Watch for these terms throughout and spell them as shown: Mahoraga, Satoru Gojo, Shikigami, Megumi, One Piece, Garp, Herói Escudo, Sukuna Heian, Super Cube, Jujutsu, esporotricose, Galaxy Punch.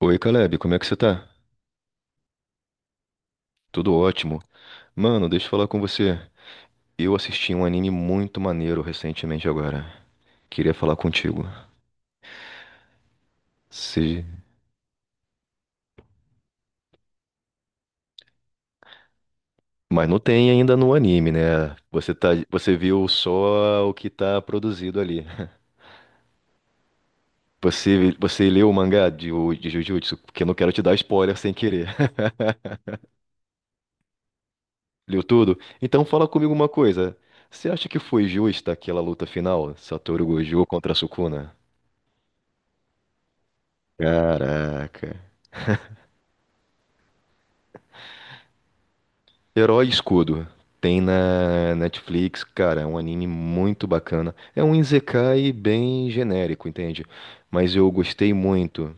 Oi, Caleb, como é que você tá? Tudo ótimo. Mano, deixa eu falar com você. Eu assisti um anime muito maneiro recentemente agora. Queria falar contigo. Se... Mas não tem ainda no anime, né? Você viu só o que tá produzido ali. Você leu o mangá de Jujutsu? Porque eu não quero te dar spoiler sem querer. Leu tudo? Então fala comigo uma coisa. Você acha que foi justa aquela luta final? Satoru Gojo contra Sukuna? Caraca. Herói Escudo. Tem na Netflix, cara, é um anime muito bacana. É um isekai bem genérico, entende? Mas eu gostei muito.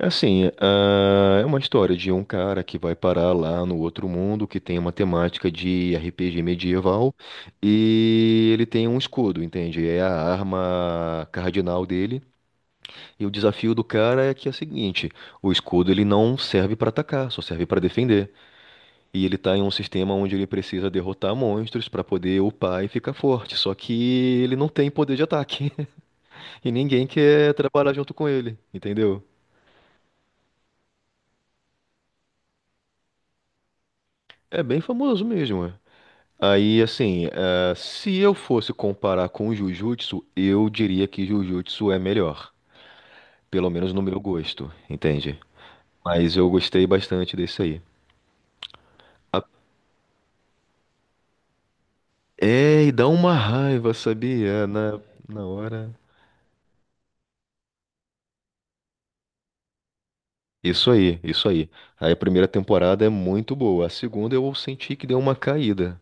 Assim, é uma história de um cara que vai parar lá no outro mundo, que tem uma temática de RPG medieval, e ele tem um escudo, entende? É a arma cardinal dele. E o desafio do cara é que é o seguinte: o escudo ele não serve para atacar, só serve para defender. E ele tá em um sistema onde ele precisa derrotar monstros pra poder upar e ficar forte. Só que ele não tem poder de ataque. E ninguém quer trabalhar junto com ele, entendeu? É bem famoso mesmo, é. Aí, assim, se eu fosse comparar com o Jujutsu, eu diria que Jujutsu é melhor. Pelo menos no meu gosto, entende? Mas eu gostei bastante desse aí. A- É, e dá uma raiva, sabia? Na hora. Isso aí, isso aí. Aí a primeira temporada é muito boa. A segunda eu senti que deu uma caída.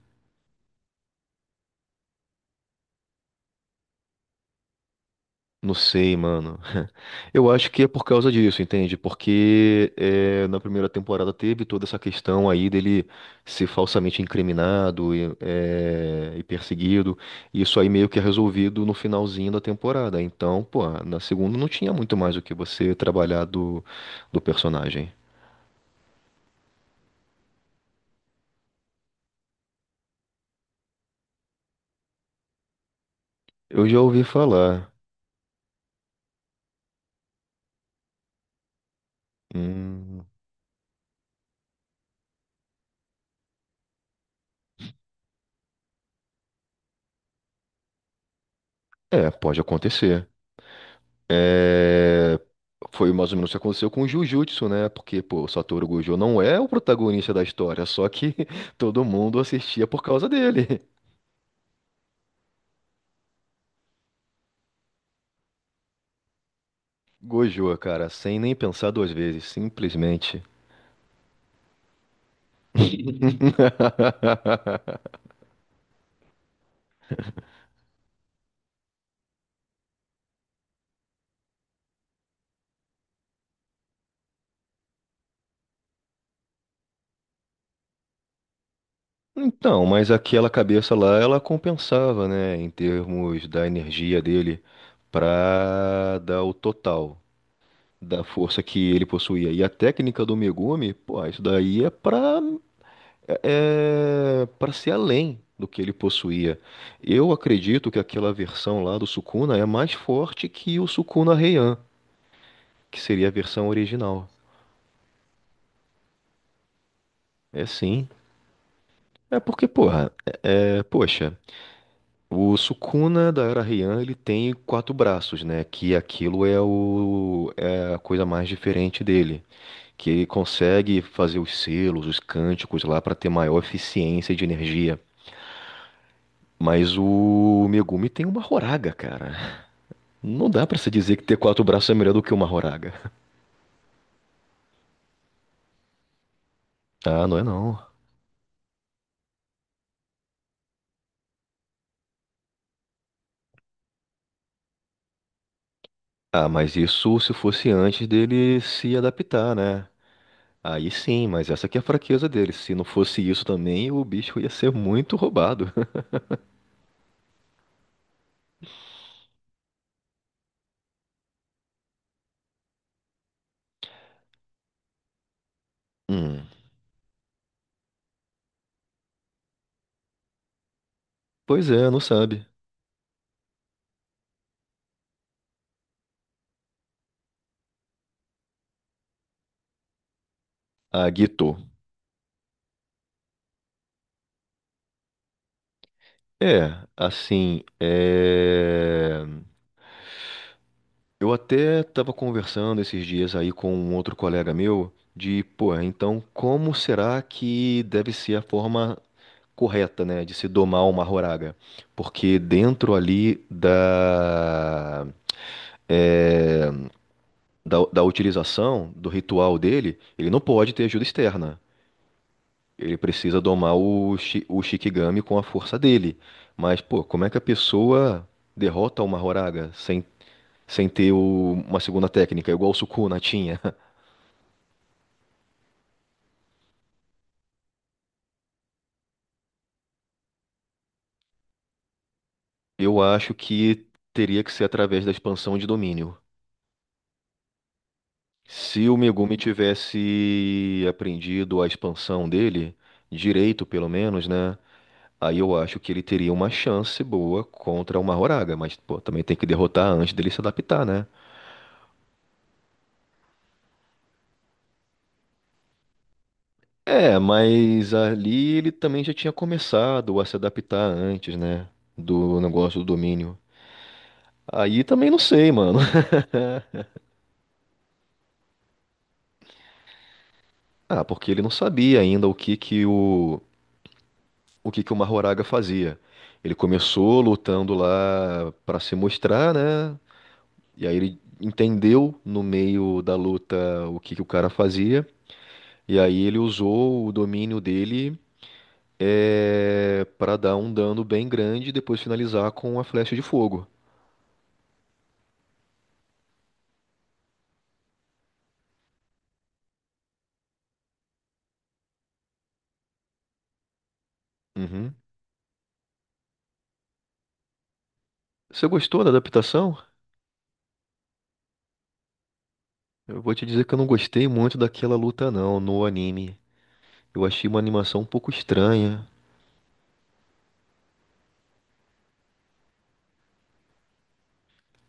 Não sei, mano. Eu acho que é por causa disso, entende? Porque na primeira temporada teve toda essa questão aí dele ser falsamente incriminado e e perseguido. E isso aí meio que é resolvido no finalzinho da temporada. Então, pô, na segunda não tinha muito mais o que você trabalhar do personagem. Eu já ouvi falar. Hum, é, pode acontecer. É, foi mais ou menos o que aconteceu com o Jujutsu, né? Porque, pô, o Satoru Gojo não é o protagonista da história, só que todo mundo assistia por causa dele. Gojo, cara, sem nem pensar duas vezes, simplesmente. Então, mas aquela cabeça lá, ela compensava, né, em termos da energia dele pra dar o total da força que ele possuía. E a técnica do Megumi, pô, isso daí é pra para ser além do que ele possuía. Eu acredito que aquela versão lá do Sukuna é mais forte que o Sukuna Heian, que seria a versão original. É sim. É porque, porra, poxa, o Sukuna da Era Heian, ele tem quatro braços, né? Que aquilo é a coisa mais diferente dele. Que ele consegue fazer os selos, os cânticos lá para ter maior eficiência de energia. Mas o Megumi tem uma horaga, cara. Não dá pra se dizer que ter quatro braços é melhor do que uma Horaga. Ah, não é não. Ah, mas isso se fosse antes dele se adaptar, né? Aí sim, mas essa que é a fraqueza dele. Se não fosse isso também, o bicho ia ser muito roubado. Hum, pois é, não sabe. A Gito. É, assim, é... Eu até tava conversando esses dias aí com um outro colega meu de, pô, então como será que deve ser a forma correta, né, de se domar uma horária, porque dentro ali é, da utilização do ritual dele, ele não pode ter ajuda externa. Ele precisa domar o Shikigami com a força dele. Mas, pô, como é que a pessoa derrota uma Horaga sem ter uma segunda técnica, igual o Sukuna tinha? Eu acho que teria que ser através da expansão de domínio. Se o Megumi tivesse aprendido a expansão dele, direito pelo menos, né? Aí eu acho que ele teria uma chance boa contra o Mahoraga, mas pô, também tem que derrotar antes dele se adaptar, né? É, mas ali ele também já tinha começado a se adaptar antes, né? Do negócio do domínio. Aí também não sei, mano. Ah, porque ele não sabia ainda o que que o Mahoraga fazia. Ele começou lutando lá pra se mostrar, né? E aí ele entendeu no meio da luta o que que o cara fazia, e aí ele usou o domínio dele para dar um dano bem grande e depois finalizar com a flecha de fogo. Uhum. Você gostou da adaptação? Eu vou te dizer que eu não gostei muito daquela luta não, no anime. Eu achei uma animação um pouco estranha.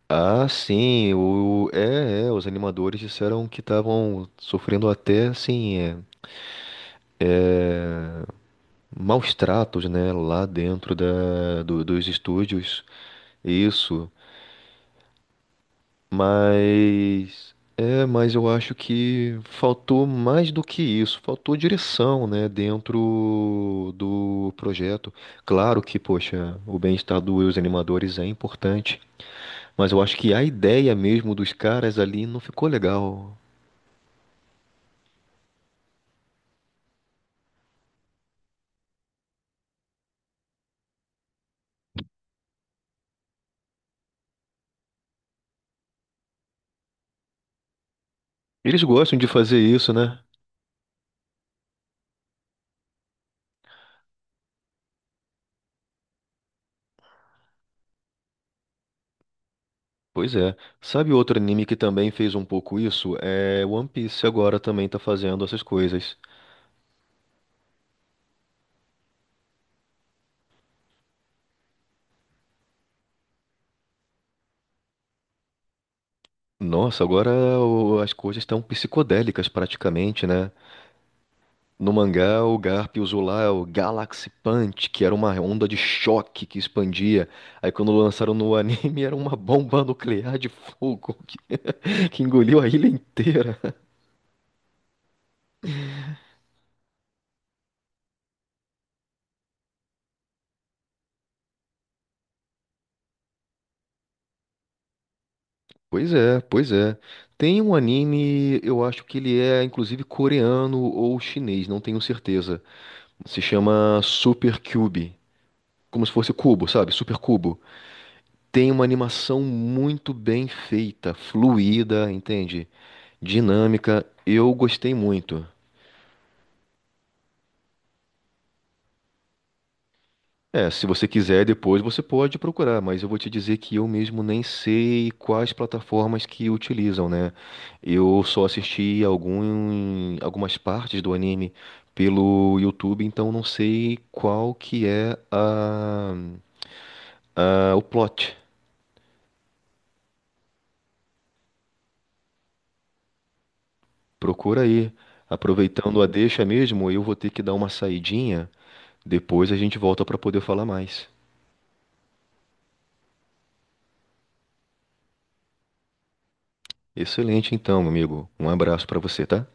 Os animadores disseram que estavam sofrendo até, assim, maus tratos, né, lá dentro dos estúdios, isso. Mas eu acho que faltou mais do que isso, faltou direção, né, dentro do projeto. Claro que, poxa, o bem-estar dos animadores é importante, mas eu acho que a ideia mesmo dos caras ali não ficou legal. Eles gostam de fazer isso, né? Pois é. Sabe outro anime que também fez um pouco isso? É One Piece agora também tá fazendo essas coisas. Nossa, agora as coisas estão psicodélicas praticamente, né? No mangá, o Garp usou lá o Galaxy Punch, que era uma onda de choque que expandia. Aí quando lançaram no anime, era uma bomba nuclear de fogo que engoliu a ilha inteira. Pois é, pois é. Tem um anime, eu acho que ele é inclusive coreano ou chinês, não tenho certeza. Se chama Super Cube. Como se fosse cubo, sabe? Super cubo. Tem uma animação muito bem feita, fluida, entende? Dinâmica. Eu gostei muito. É, se você quiser depois você pode procurar, mas eu vou te dizer que eu mesmo nem sei quais plataformas que utilizam, né? Eu só assisti algumas partes do anime pelo YouTube, então não sei qual que é o plot. Procura aí. Aproveitando a deixa mesmo, eu vou ter que dar uma saidinha. Depois a gente volta para poder falar mais. Excelente, então, amigo. Um abraço para você, tá?